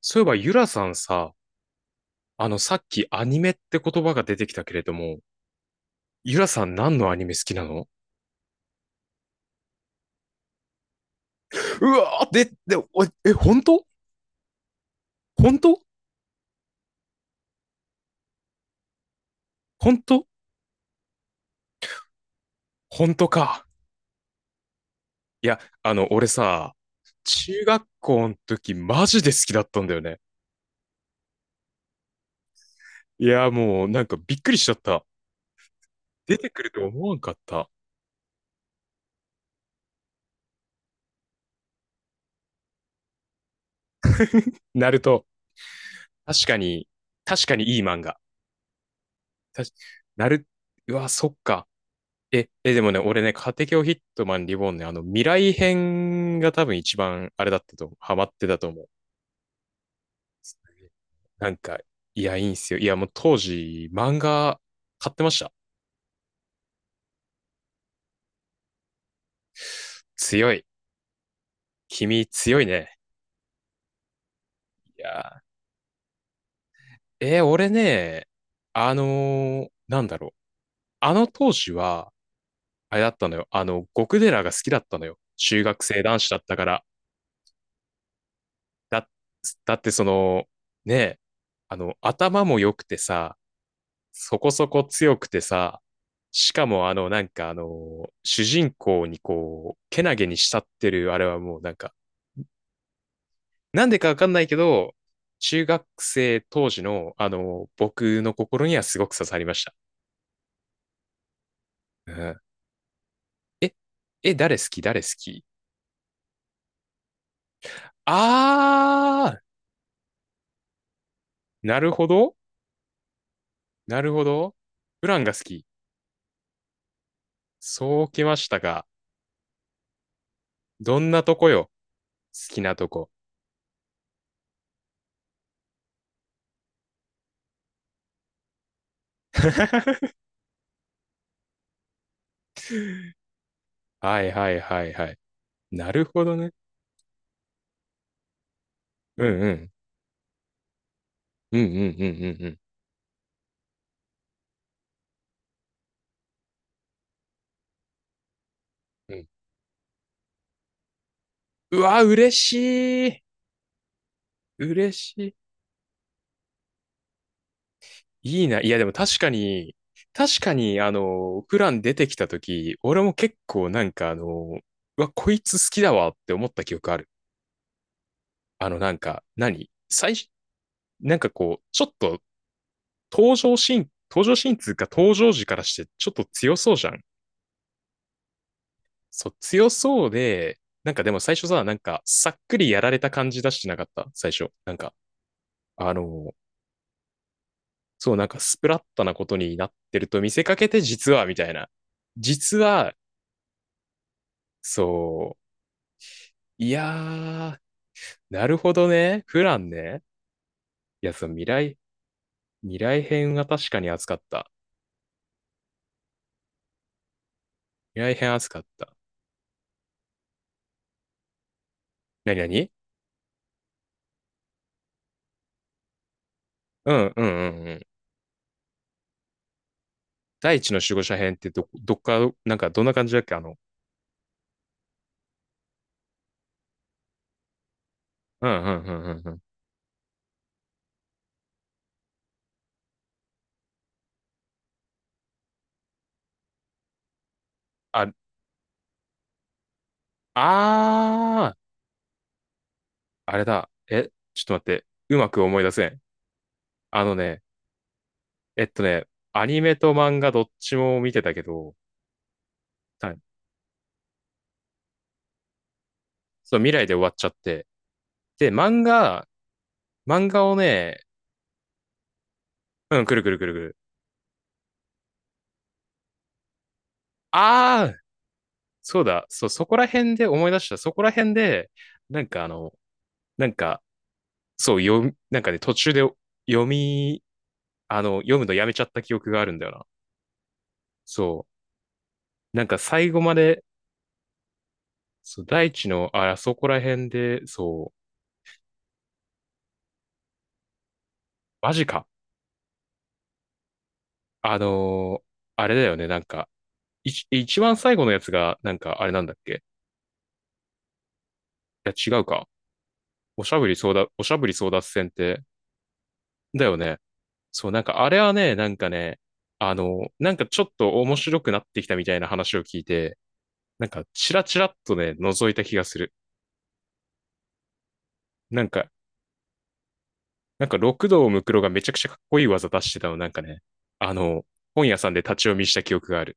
そういえば、ゆらさんさ、さっきアニメって言葉が出てきたけれども、ゆらさん何のアニメ好きなの？うわーえ、本当？本当？本当？本当か？いや、俺さ、中学校の時マジで好きだったんだよね。いや、もうなんかびっくりしちゃった。出てくると思わんかった。ナルト。確かに、確かにいい漫画。たしナル、うわ、そっか。え、でもね、俺ね、家庭教ヒットマンリボーンね、未来編が多分一番あれだったと思う。ハマってたと思う。なんか、いや、いいんすよ。いや、もう当時、漫画買ってました。強い。君強いね。いやー、俺ね、あのなんだろう。あの当時は、あれだったのよ。極寺が好きだったのよ。中学生男子だったから。だ、だってその、ね、頭も良くてさ、そこそこ強くてさ、しかもなんか主人公にこう、けなげに慕ってる、あれはもうなんか、なんでかわかんないけど、中学生当時の、僕の心にはすごく刺さりました。うん。え、え、誰好き誰好き？あー、なるほどなるほど。ブランが好き。そうきましたか。どんなとこよ？好きなとこ。はいはいはいはい。なるほどね。うんうん。うんうんうんうんうんうん。うわ、嬉しい。嬉しい。いいな。いや、でも確かに、確かに、プラン出てきたとき、俺も結構なんかうわ、こいつ好きだわって思った記憶ある。なんか、何最初、なんかこう、ちょっと登場シーン、登場シーンつうか登場時からしてちょっと強そうじゃん。そう、強そうで、なんかでも最初さ、なんか、さっくりやられた感じ出してなかった最初。なんか、あの、そう、なんかスプラッタなことになってると見せかけて、実は、みたいな。実は、そう。いやー、なるほどね。フランね。いや、そう、未来編は確かに熱かった。未来編熱かった。なになに？うんうんうんうん。第一の守護者編ってど、どっか、なんかどんな感じだっけうんうんうんうんうん。あ、あー、あれだ。え、ちょっと待って。うまく思い出せん。あのね、えっとね、アニメと漫画どっちも見てたけど、たそう、未来で終わっちゃって。で、漫画、漫画をね、うん、くるくるくるくる。ああ、そうだ、そう、そこら辺で思い出した。そこら辺で、なんかなんか、そう、読み、なんかね、途中で読み、読むのやめちゃった記憶があるんだよな。そう。なんか最後まで、そう、大地の、あそこら辺で、そう、マジか。あのーあれだよね、なんか、一、一番最後のやつが、なんか、あれなんだっけ？いや、違うか。おしゃぶり争奪、おしゃぶり争奪戦って、だよね。そう、なんかあれはね、なんかね、なんかちょっと面白くなってきたみたいな話を聞いて、なんかチラチラっとね、覗いた気がする。なんか、なんか六道ムクロがめちゃくちゃかっこいい技出してたの、なんかね、あの、本屋さんで立ち読みした記憶がある。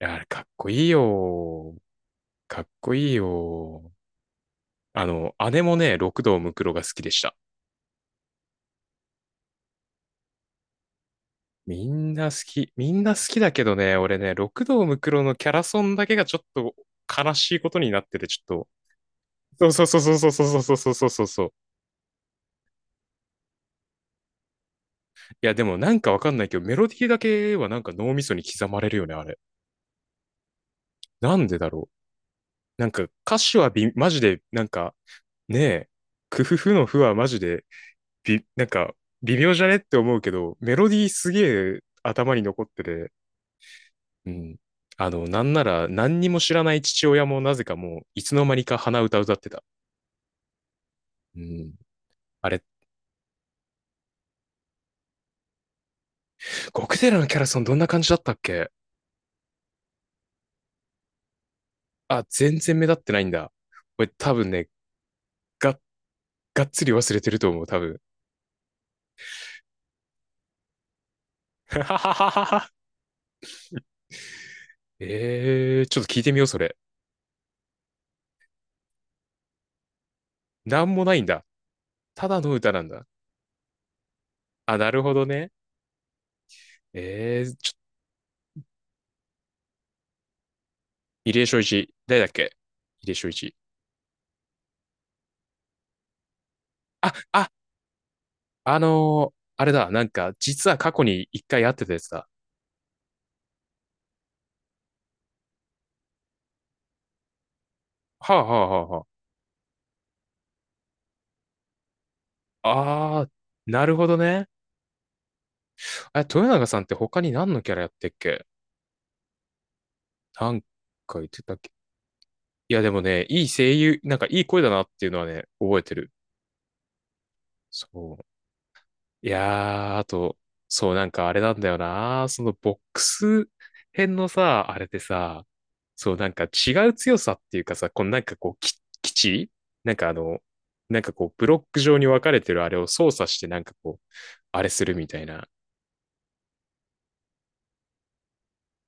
いやあれかっこいいよ。かっこいいよ。姉もね、六道ムクロが好きでした。みんな好き。みんな好きだけどね、俺ね、六道ムクロのキャラソンだけがちょっと悲しいことになってて、ちょっと、そうそうそうそうそうそうそうそうそうそう。いや、でもなんかわかんないけど、メロディーだけはなんか脳みそに刻まれるよね、あれ。なんでだろう。なんか歌詞はび、マジで、なんか、ねえ、クフフのフはマジで、び、なんか、微妙じゃねって思うけど、メロディーすげえ頭に残ってて、うん。なんなら何にも知らない父親もなぜかもう、いつの間にか鼻歌歌ってた。うん。あれ、ゴクテラのキャラソンどんな感じだったっけ？あ、全然目立ってないんだ。これ多分ね、がっがっつり忘れてると思う、多分。ちょっと聞いてみよう、それ。なんもないんだ。ただの歌なんだ。あ、なるほどね。ちょ、入江正一。誰だっけ？入江正一。あ、あ、あれだ、なんか、実は過去に一回会ってたやつだ。はあはあはあはあ。あー、なるほどね。あ、豊永さんって他に何のキャラやってっけ？なんか言ってたっけ？いや、でもね、いい声優、なんかいい声だなっていうのはね、覚えてる。そう。いやー、あと、そう、なんかあれなんだよな。そのボックス編のさ、あれでさ、そう、なんか違う強さっていうかさ、このなんかこう、基地なんかなんかこう、ブロック状に分かれてるあれを操作してなんかこう、あれするみたいな。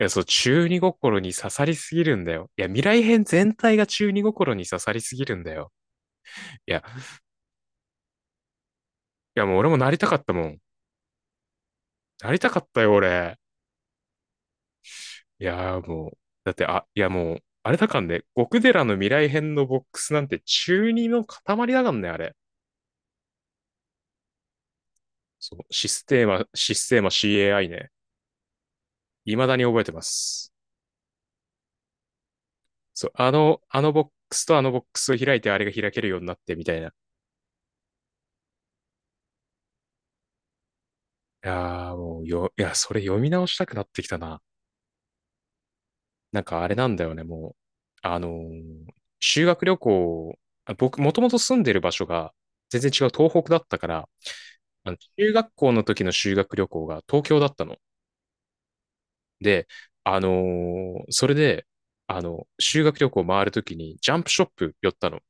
いや、そう、中二心に刺さりすぎるんだよ。いや、未来編全体が中二心に刺さりすぎるんだよ。いや、いやもう俺もなりたかったもん。なりたかったよ、俺。いやーもう、だって、あ、いやもう、あれだかんね、極寺の未来編のボックスなんて中二の塊だかんね、あれ。そう、システーマ CAI ね。未だに覚えてます。そう、あのボックスとあのボックスを開いてあれが開けるようになってみたいな。いやーもうよ、いや、それ読み直したくなってきたな。なんかあれなんだよね、もう。あのー修学旅行、あ僕、もともと住んでる場所が全然違う東北だったから、あの中学校の時の修学旅行が東京だったの。で、それで、修学旅行回るときにジャンプショップ寄ったの。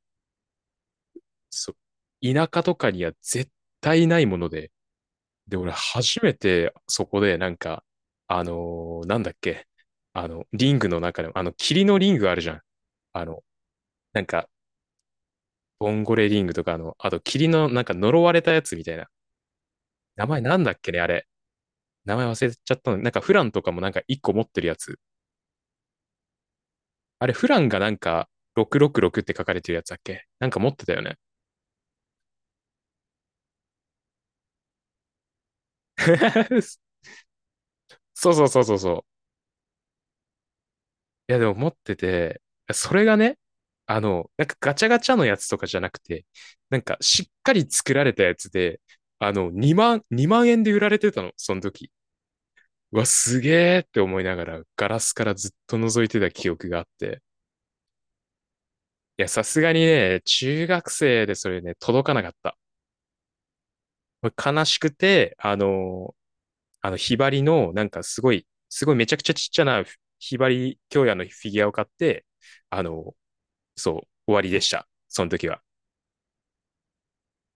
そ、田舎とかには絶対ないもので。で、俺初めてそこでなんか、なんだっけ、リングの中でも、霧のリングあるじゃん。あの、なんか、ボンゴレリングとか、あと霧のなんか呪われたやつみたいな。名前なんだっけね、あれ。名前忘れちゃったの。なんかフランとかもなんか一個持ってるやつ。あれ、フランがなんか、666って書かれてるやつだっけなんか持ってたよね？そうそうそうそうそう。いや、でも持ってて、それがね、なんかガチャガチャのやつとかじゃなくて、なんかしっかり作られたやつで、2万、2万円で売られてたの、その時。うわ、すげーって思いながら、ガラスからずっと覗いてた記憶があって。いや、さすがにね、中学生でそれね、届かなかった。これ悲しくて、ひばりの、なんかすごい、すごいめちゃくちゃちっちゃなひばり京也のフィギュアを買って、あの、そう、終わりでした。その時は。